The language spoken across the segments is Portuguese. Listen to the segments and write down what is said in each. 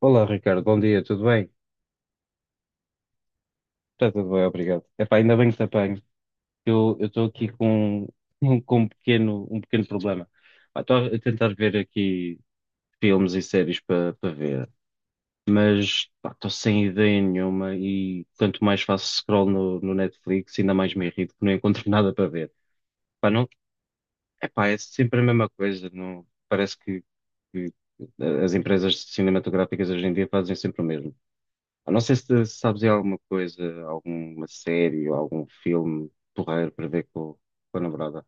Olá, Ricardo, bom dia, tudo bem? Está tudo bem, obrigado. Epá, ainda bem que te apanho. Eu estou aqui com, com um pequeno problema. Pá, estou a tentar ver aqui filmes e séries para ver, mas pá, estou sem ideia nenhuma e quanto mais faço scroll no Netflix, ainda mais me irrito que não encontro nada para ver. Pá, não, epá, é sempre a mesma coisa. Não, parece que as empresas cinematográficas hoje em dia fazem sempre o mesmo. Eu não sei se sabes aí alguma coisa, alguma série ou algum filme porreiro para ver com a namorada.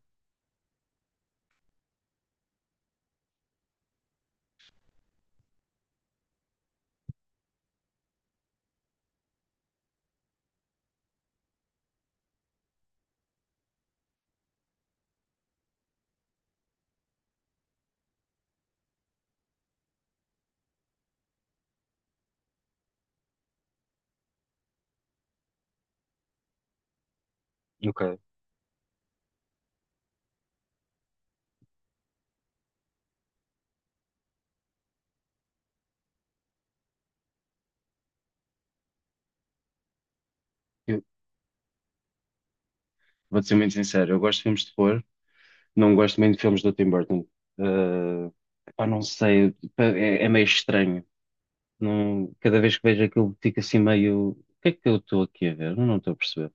Ok. Eu vou-te ser muito sincero, eu gosto de filmes de terror, não gosto muito de filmes do Tim Burton. Ah, pá, não sei, pá, é meio estranho. Não, cada vez que vejo aquilo fico assim meio. O que é que eu estou aqui a ver? Eu não estou a perceber.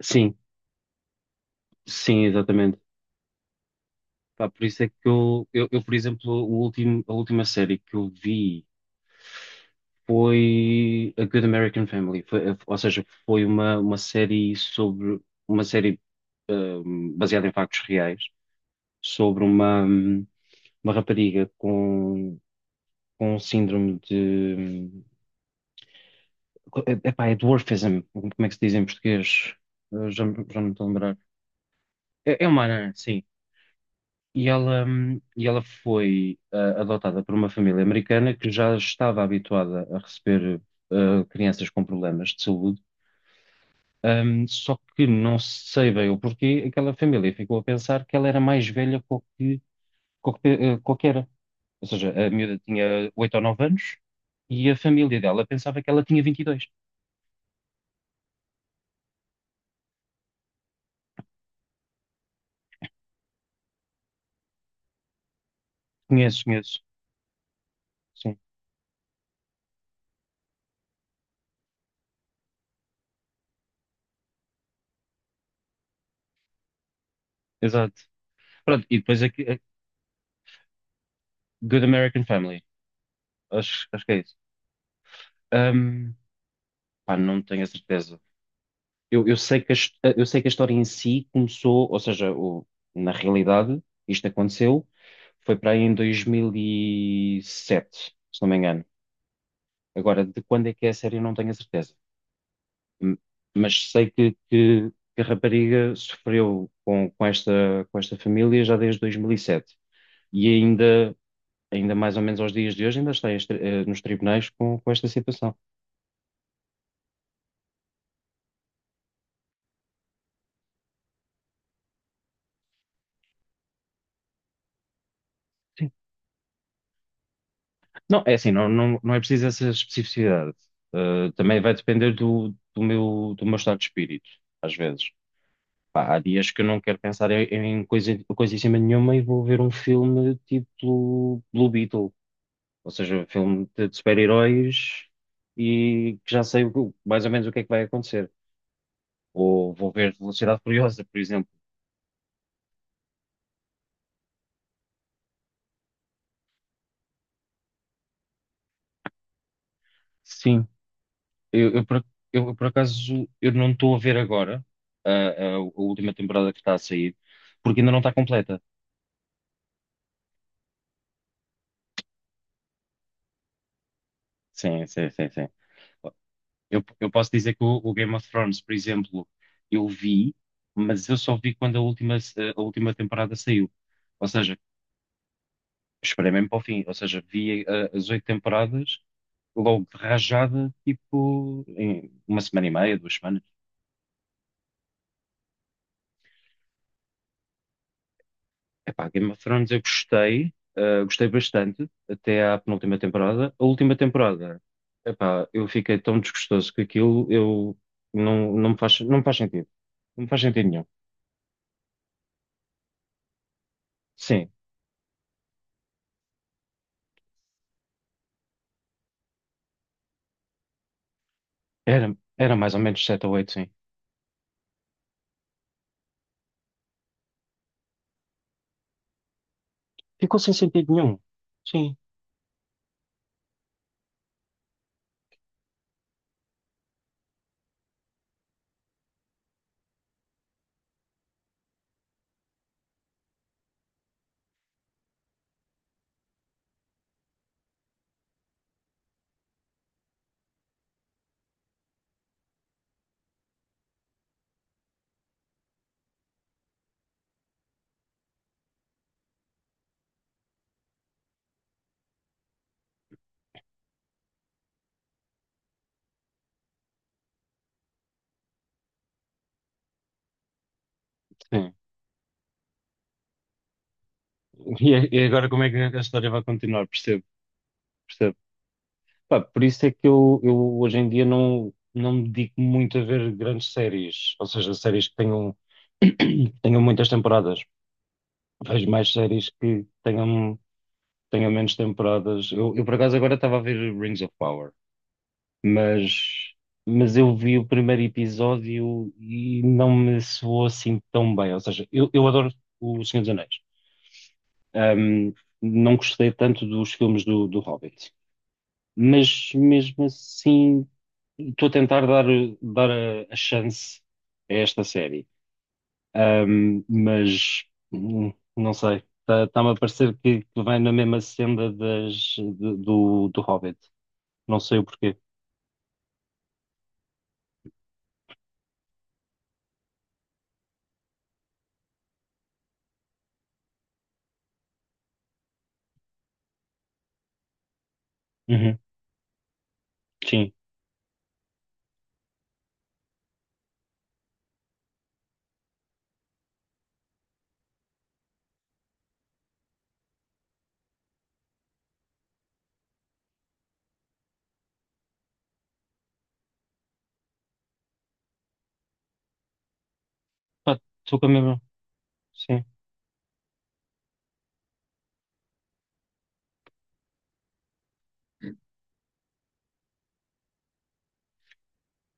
Sim, sim, exatamente. Pá, por isso é que por exemplo, a última série que eu vi foi A Good American Family. Ou seja, foi uma série sobre uma série, baseada em factos reais sobre uma rapariga com síndrome de, epá, é dwarfism, como é que se diz em português? Eu Já, já não me estou a lembrar. É, é uma anã, sim. E ela foi adotada por uma família americana que já estava habituada a receber crianças com problemas de saúde. Só que não sei bem o porquê, aquela família ficou a pensar que ela era mais velha que o que. Ou seja, a miúda tinha 8 ou 9 anos e a família dela pensava que ela tinha 22. Conheço, conheço. Sim, exato. Pronto, e depois aqui, a Good American Family. Acho, acho que é isso. Ahm, pá, não tenho a certeza. Eu sei eu sei que a história em si começou, ou seja, na realidade, isto aconteceu, foi para aí em 2007, se não me engano. Agora, de quando é que é a série, eu não tenho a certeza. M- Mas sei que a rapariga sofreu com esta família já desde 2007. E sete. E ainda, ainda mais ou menos aos dias de hoje, ainda está em nos tribunais com esta situação. Não, é assim, não, não, não é preciso essa especificidade. Também vai depender do meu estado de espírito, às vezes. Pá, há dias que eu não quero pensar em, em coisa, coisíssima nenhuma e vou ver um filme tipo Blue Beetle, ou seja, um filme de super-heróis e que já sei mais ou menos o que é que vai acontecer. Ou vou ver Velocidade Furiosa, por exemplo. Sim, eu, eu, por, eu por acaso eu não estou a ver agora a, a última temporada que está a sair, porque ainda não está completa. Sim, sim, sim, sim. Eu posso dizer que o Game of Thrones, por exemplo, eu vi, mas eu só vi quando a última temporada saiu. Ou seja, esperei mesmo para o fim. Ou seja, vi as 8 temporadas logo de rajada, tipo, em uma semana e meia, 2 semanas. Epá, Game of Thrones eu gostei, gostei bastante até à penúltima temporada. A última temporada, epá, eu fiquei tão desgostoso que aquilo eu não me não me faz sentido. Não me faz sentido nenhum. Sim, era, era mais ou menos 7 ou 8, sim. Ficou sem sentido nenhum. Sim, sim. E, e agora como é que a história vai continuar? Percebo, percebo. Pá, por isso é que eu hoje em dia não, não me dedico muito a ver grandes séries, ou seja, séries tenham muitas temporadas. Vejo mais séries tenham menos temporadas. Eu por acaso agora estava a ver Rings of Power, mas, mas eu vi o primeiro episódio e não me soou assim tão bem. Ou seja, eu adoro O Senhor dos Anéis. Um, não gostei tanto dos filmes do Hobbit, mas mesmo assim estou a tentar dar a chance a esta série. Um, mas não sei, está-me a parecer que vai na mesma senda do Hobbit. Não sei o porquê. Uhum, sim. Pá, estou com a mesma. Sim,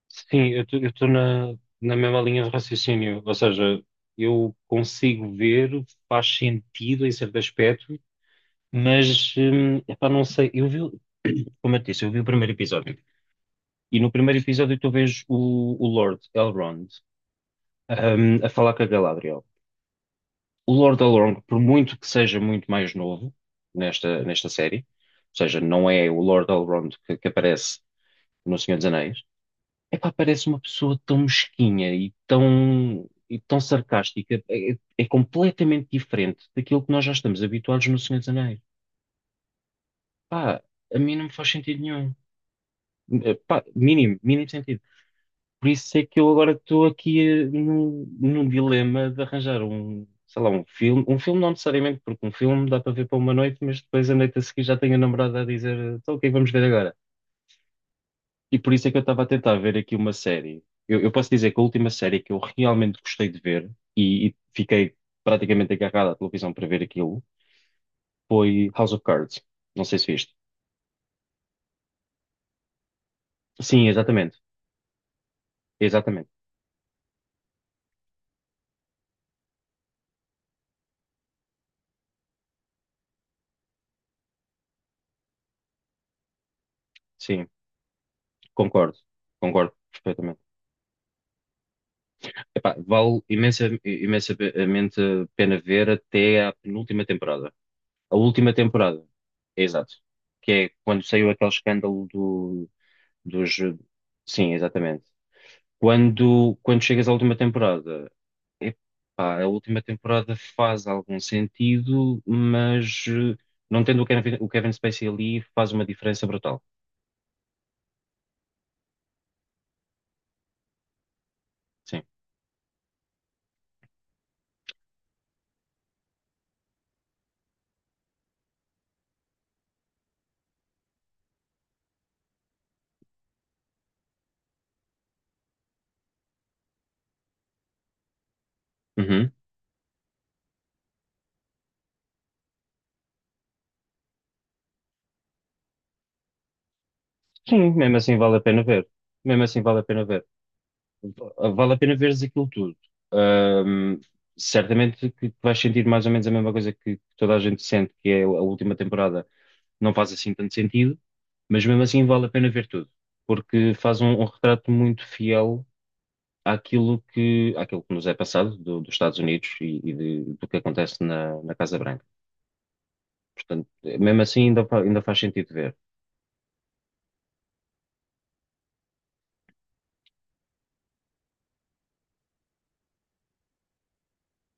sim, eu estou na mesma linha de raciocínio, ou seja, eu consigo ver, faz sentido em certo aspecto. Mas, epá, não sei, como eu te disse, eu vi o primeiro episódio. E no primeiro episódio tu vês o Lord Elrond, a falar com a Galadriel. O Lord Elrond, por muito que seja muito mais novo nesta série, ou seja, não é o Lord Elrond que aparece no Senhor dos Anéis, epá, parece uma pessoa tão mesquinha e tão sarcástica. É completamente diferente daquilo que nós já estamos habituados no Senhor dos Anéis. Pá, a mim não me faz sentido nenhum. Eh, pá, mínimo, mínimo sentido. Por isso é que eu agora estou aqui num dilema de arranjar um, sei lá, um filme. Um filme não necessariamente, porque um filme dá para ver para uma noite, mas depois a noite a seguir já tenho a namorada a dizer, eh, então o que é que vamos ver agora? E por isso é que eu estava a tentar ver aqui uma série. Eu posso dizer que a última série que eu realmente gostei de ver e fiquei praticamente agarrado à televisão para ver aquilo foi House of Cards. Não sei se viste. Sim, exatamente. Exatamente. Sim, concordo. Concordo perfeitamente. Epá, vale imensamente a pena ver até à penúltima temporada. A última temporada, é exato. Que é quando saiu aquele escândalo dos. Sim, exatamente. Quando, quando chegas à última temporada, epá, a última temporada faz algum sentido, mas não tendo o Kevin Spacey ali faz uma diferença brutal. Sim. Uhum. Sim, mesmo assim vale a pena ver. Mesmo assim vale a pena ver. Vale a pena veres aquilo tudo. Ahm, Certamente que vais sentir mais ou menos a mesma coisa que toda a gente sente, que é a última temporada não faz assim tanto sentido, mas mesmo assim vale a pena ver tudo, porque faz um, um retrato muito fiel àquilo àquilo que nos é passado dos Estados Unidos e do que acontece na Casa Branca. Portanto, mesmo assim ainda, ainda faz sentido ver.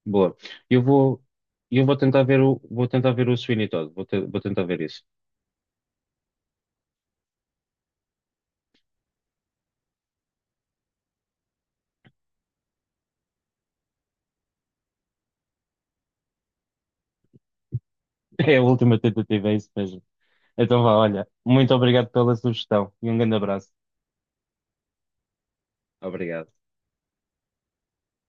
Boa. Eu vou, eu vou tentar ver vou tentar ver o Sweeney Todd, vou tentar ver isso. É a última tentativa, é isso mesmo. Então vá, olha, muito obrigado pela sugestão e um grande abraço. Obrigado.